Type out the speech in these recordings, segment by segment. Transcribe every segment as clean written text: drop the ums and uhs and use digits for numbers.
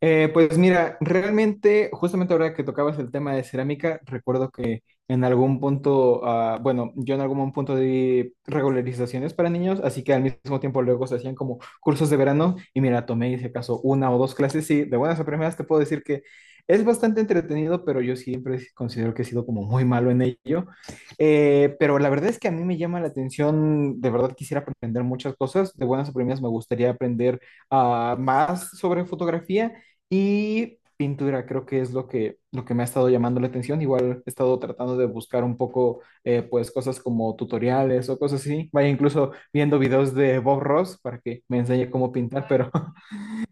Pues mira, realmente, justamente ahora que tocabas el tema de cerámica, recuerdo que en algún punto, bueno, yo en algún punto di regularizaciones para niños, así que al mismo tiempo luego se hacían como cursos de verano y mira, hice acaso, una o dos clases y de buenas a primeras te puedo decir que es bastante entretenido, pero yo siempre considero que he sido como muy malo en ello. Pero la verdad es que a mí me llama la atención, de verdad quisiera aprender muchas cosas, de buenas a primeras me gustaría aprender más sobre fotografía. Y pintura creo que es lo que me ha estado llamando la atención. Igual he estado tratando de buscar un poco, pues, cosas como tutoriales o cosas así. Vaya, incluso viendo videos de Bob Ross para que me enseñe cómo pintar, pero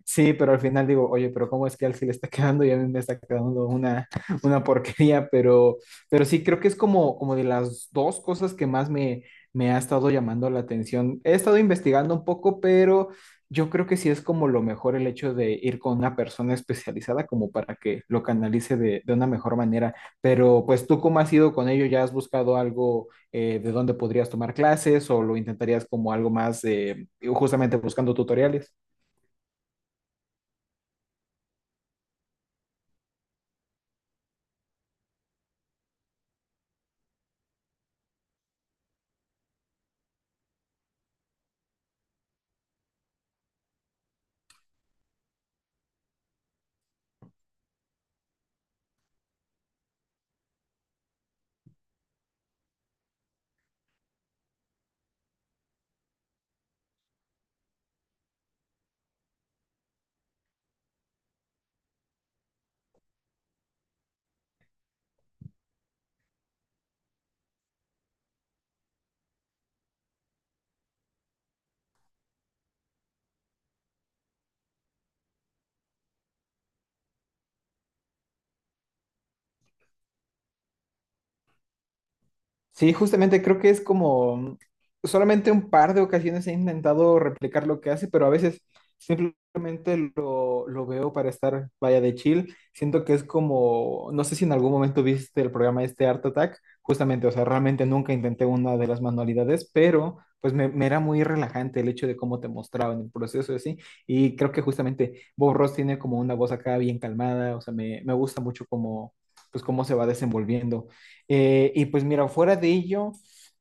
sí, pero al final digo, oye, pero ¿cómo es que a él sí le está quedando y a mí me está quedando una porquería? Pero sí, creo que es como de las dos cosas que más me ha estado llamando la atención. He estado investigando un poco, pero yo creo que sí es como lo mejor el hecho de ir con una persona especializada como para que lo canalice de una mejor manera. Pero pues tú, ¿cómo has ido con ello? ¿Ya has buscado algo, de donde podrías tomar clases o lo intentarías como algo más, justamente buscando tutoriales? Sí, justamente creo que es como solamente un par de ocasiones he intentado replicar lo que hace, pero a veces simplemente lo veo para estar, vaya, de chill. Siento que es como, no sé si en algún momento viste el programa este Art Attack, justamente, o sea, realmente nunca intenté una de las manualidades, pero pues me era muy relajante el hecho de cómo te mostraban el proceso y así. Y creo que justamente Bob Ross tiene como una voz acá bien calmada, o sea, me gusta mucho como pues cómo se va desenvolviendo. Y pues mira, fuera de ello,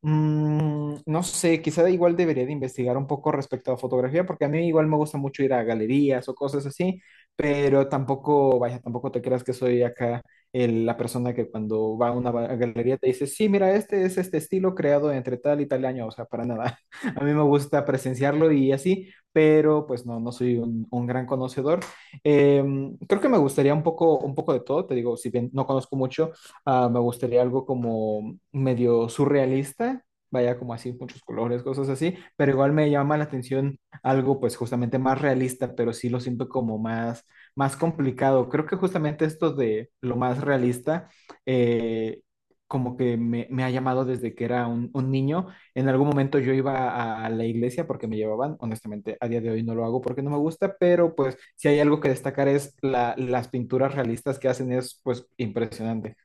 no sé, quizá igual debería de investigar un poco respecto a fotografía, porque a mí igual me gusta mucho ir a galerías o cosas así, pero tampoco, vaya, tampoco te creas que soy acá la persona que cuando va a una galería te dice, sí, mira, este es este estilo creado entre tal y tal año, o sea, para nada. A mí me gusta presenciarlo y así, pero pues no, no soy un gran conocedor. Creo que me gustaría un poco de todo, te digo, si bien no conozco mucho. Me gustaría algo como medio surrealista, vaya como así, muchos colores, cosas así, pero igual me llama la atención algo pues justamente más realista, pero sí lo siento como más complicado. Creo que justamente esto de lo más realista, eh, como que me ha llamado desde que era un niño. En algún momento yo iba a la iglesia porque me llevaban, honestamente a día de hoy no lo hago porque no me gusta, pero pues si hay algo que destacar es las pinturas realistas que hacen es pues impresionante.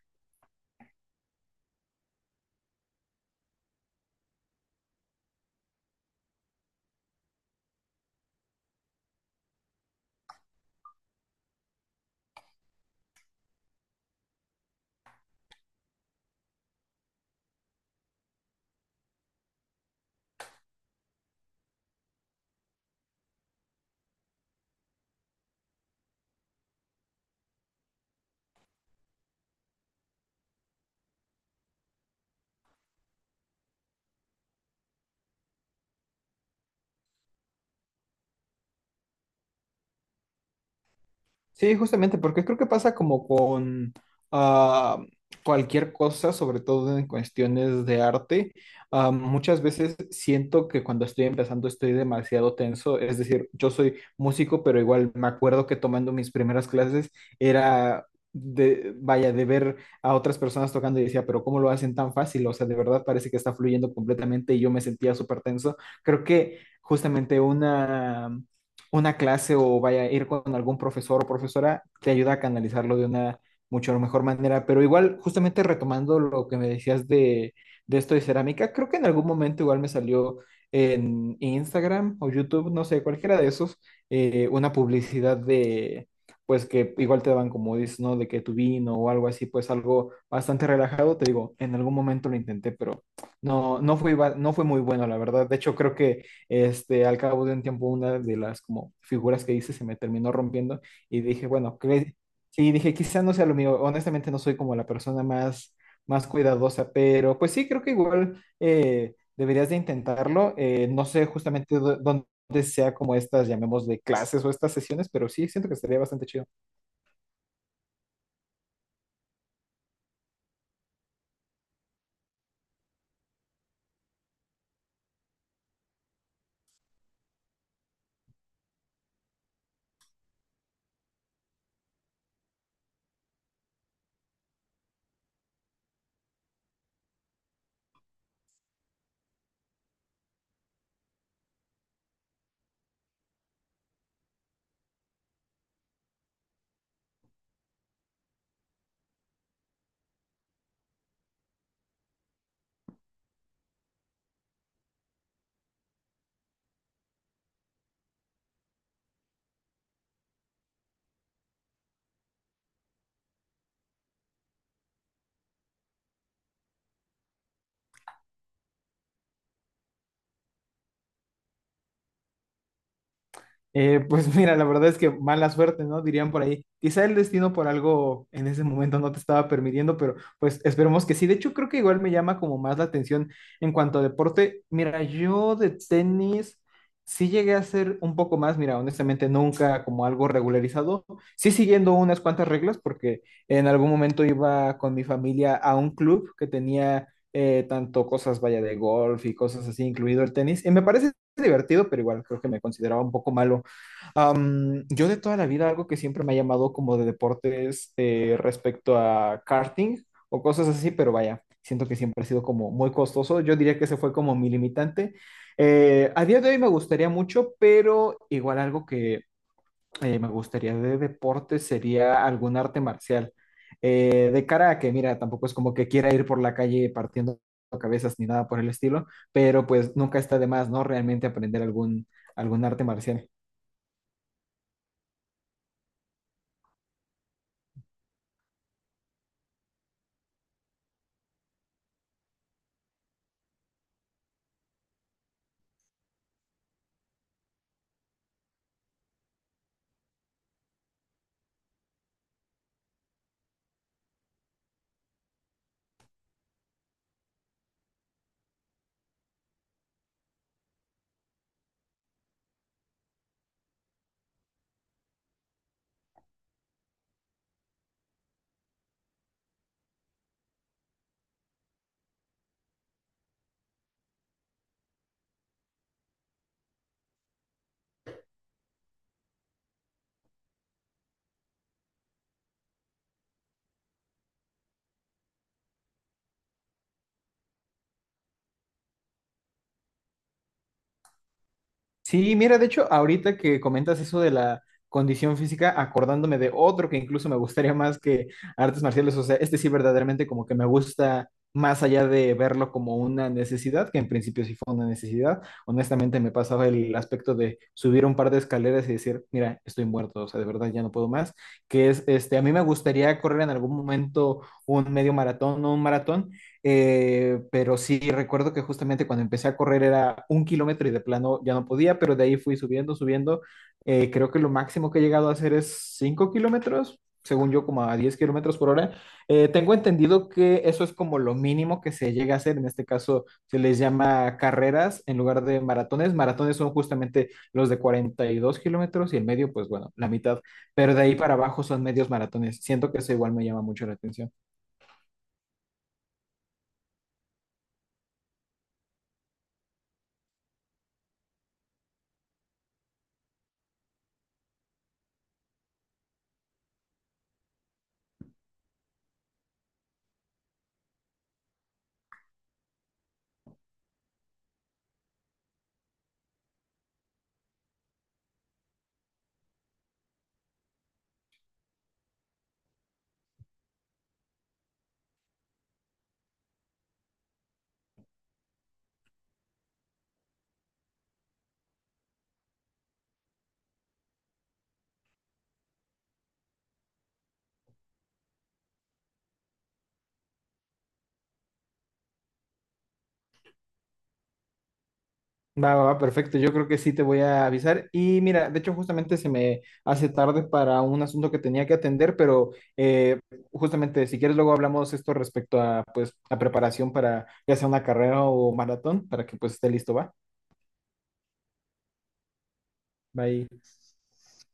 Sí, justamente, porque creo que pasa como con ah, cualquier cosa, sobre todo en cuestiones de arte. Muchas veces siento que cuando estoy empezando estoy demasiado tenso, es decir, yo soy músico, pero igual me acuerdo que tomando mis primeras clases era de, vaya, de ver a otras personas tocando y decía, pero ¿cómo lo hacen tan fácil? O sea, de verdad parece que está fluyendo completamente y yo me sentía súper tenso. Creo que justamente una clase o vaya a ir con algún profesor o profesora, te ayuda a canalizarlo de una mucho mejor manera. Pero igual, justamente retomando lo que me decías de esto de cerámica, creo que en algún momento igual me salió en Instagram o YouTube, no sé, cualquiera de esos, una publicidad de, pues que igual te daban como dices, ¿no? De que tu vino o algo así, pues algo bastante relajado. Te digo, en algún momento lo intenté, pero no fue muy bueno, la verdad. De hecho, creo que al cabo de un tiempo, una de las como figuras que hice se me terminó rompiendo y dije, bueno, sí, dije, quizá no sea lo mío. Honestamente, no soy como la persona más cuidadosa, pero pues sí, creo que igual, deberías de intentarlo. No sé justamente dónde sea como estas, llamemos de clases o estas sesiones, pero sí, siento que estaría bastante chido. Pues mira, la verdad es que mala suerte, ¿no? Dirían por ahí. Quizá el destino por algo en ese momento no te estaba permitiendo, pero pues esperemos que sí. De hecho, creo que igual me llama como más la atención en cuanto a deporte. Mira, yo de tenis sí llegué a hacer un poco más, mira, honestamente nunca como algo regularizado. Sí siguiendo unas cuantas reglas, porque en algún momento iba con mi familia a un club que tenía, tanto cosas, vaya, de golf y cosas así, incluido el tenis. Y me parece divertido, pero igual creo que me consideraba un poco malo. Yo de toda la vida algo que siempre me ha llamado como de deportes, respecto a karting o cosas así, pero vaya, siento que siempre ha sido como muy costoso. Yo diría que ese fue como mi limitante. A día de hoy me gustaría mucho, pero igual algo que, me gustaría de deporte sería algún arte marcial. De cara a que, mira, tampoco es como que quiera ir por la calle partiendo cabezas ni nada por el estilo, pero pues nunca está de más, ¿no? Realmente aprender algún arte marcial. Sí, mira, de hecho, ahorita que comentas eso de la condición física, acordándome de otro que incluso me gustaría más que artes marciales, o sea, este sí verdaderamente como que me gusta más allá de verlo como una necesidad, que en principio sí fue una necesidad, honestamente me pasaba el aspecto de subir un par de escaleras y decir, mira, estoy muerto, o sea, de verdad ya no puedo más, que es, a mí me gustaría correr en algún momento un medio maratón o un maratón, pero sí, recuerdo que justamente cuando empecé a correr era 1 kilómetro y de plano ya no podía, pero de ahí fui subiendo, subiendo. Creo que lo máximo que he llegado a hacer es 5 kilómetros, según yo, como a 10 kilómetros por hora. Tengo entendido que eso es como lo mínimo que se llega a hacer. En este caso se les llama carreras en lugar de maratones. Maratones son justamente los de 42 kilómetros y el medio, pues bueno, la mitad. Pero de ahí para abajo son medios maratones. Siento que eso igual me llama mucho la atención. Va, va, va, perfecto. Yo creo que sí te voy a avisar. Y mira, de hecho, justamente se me hace tarde para un asunto que tenía que atender, pero, justamente si quieres luego hablamos esto respecto a pues la preparación para ya sea una carrera o maratón, para que pues esté listo, va. Bye.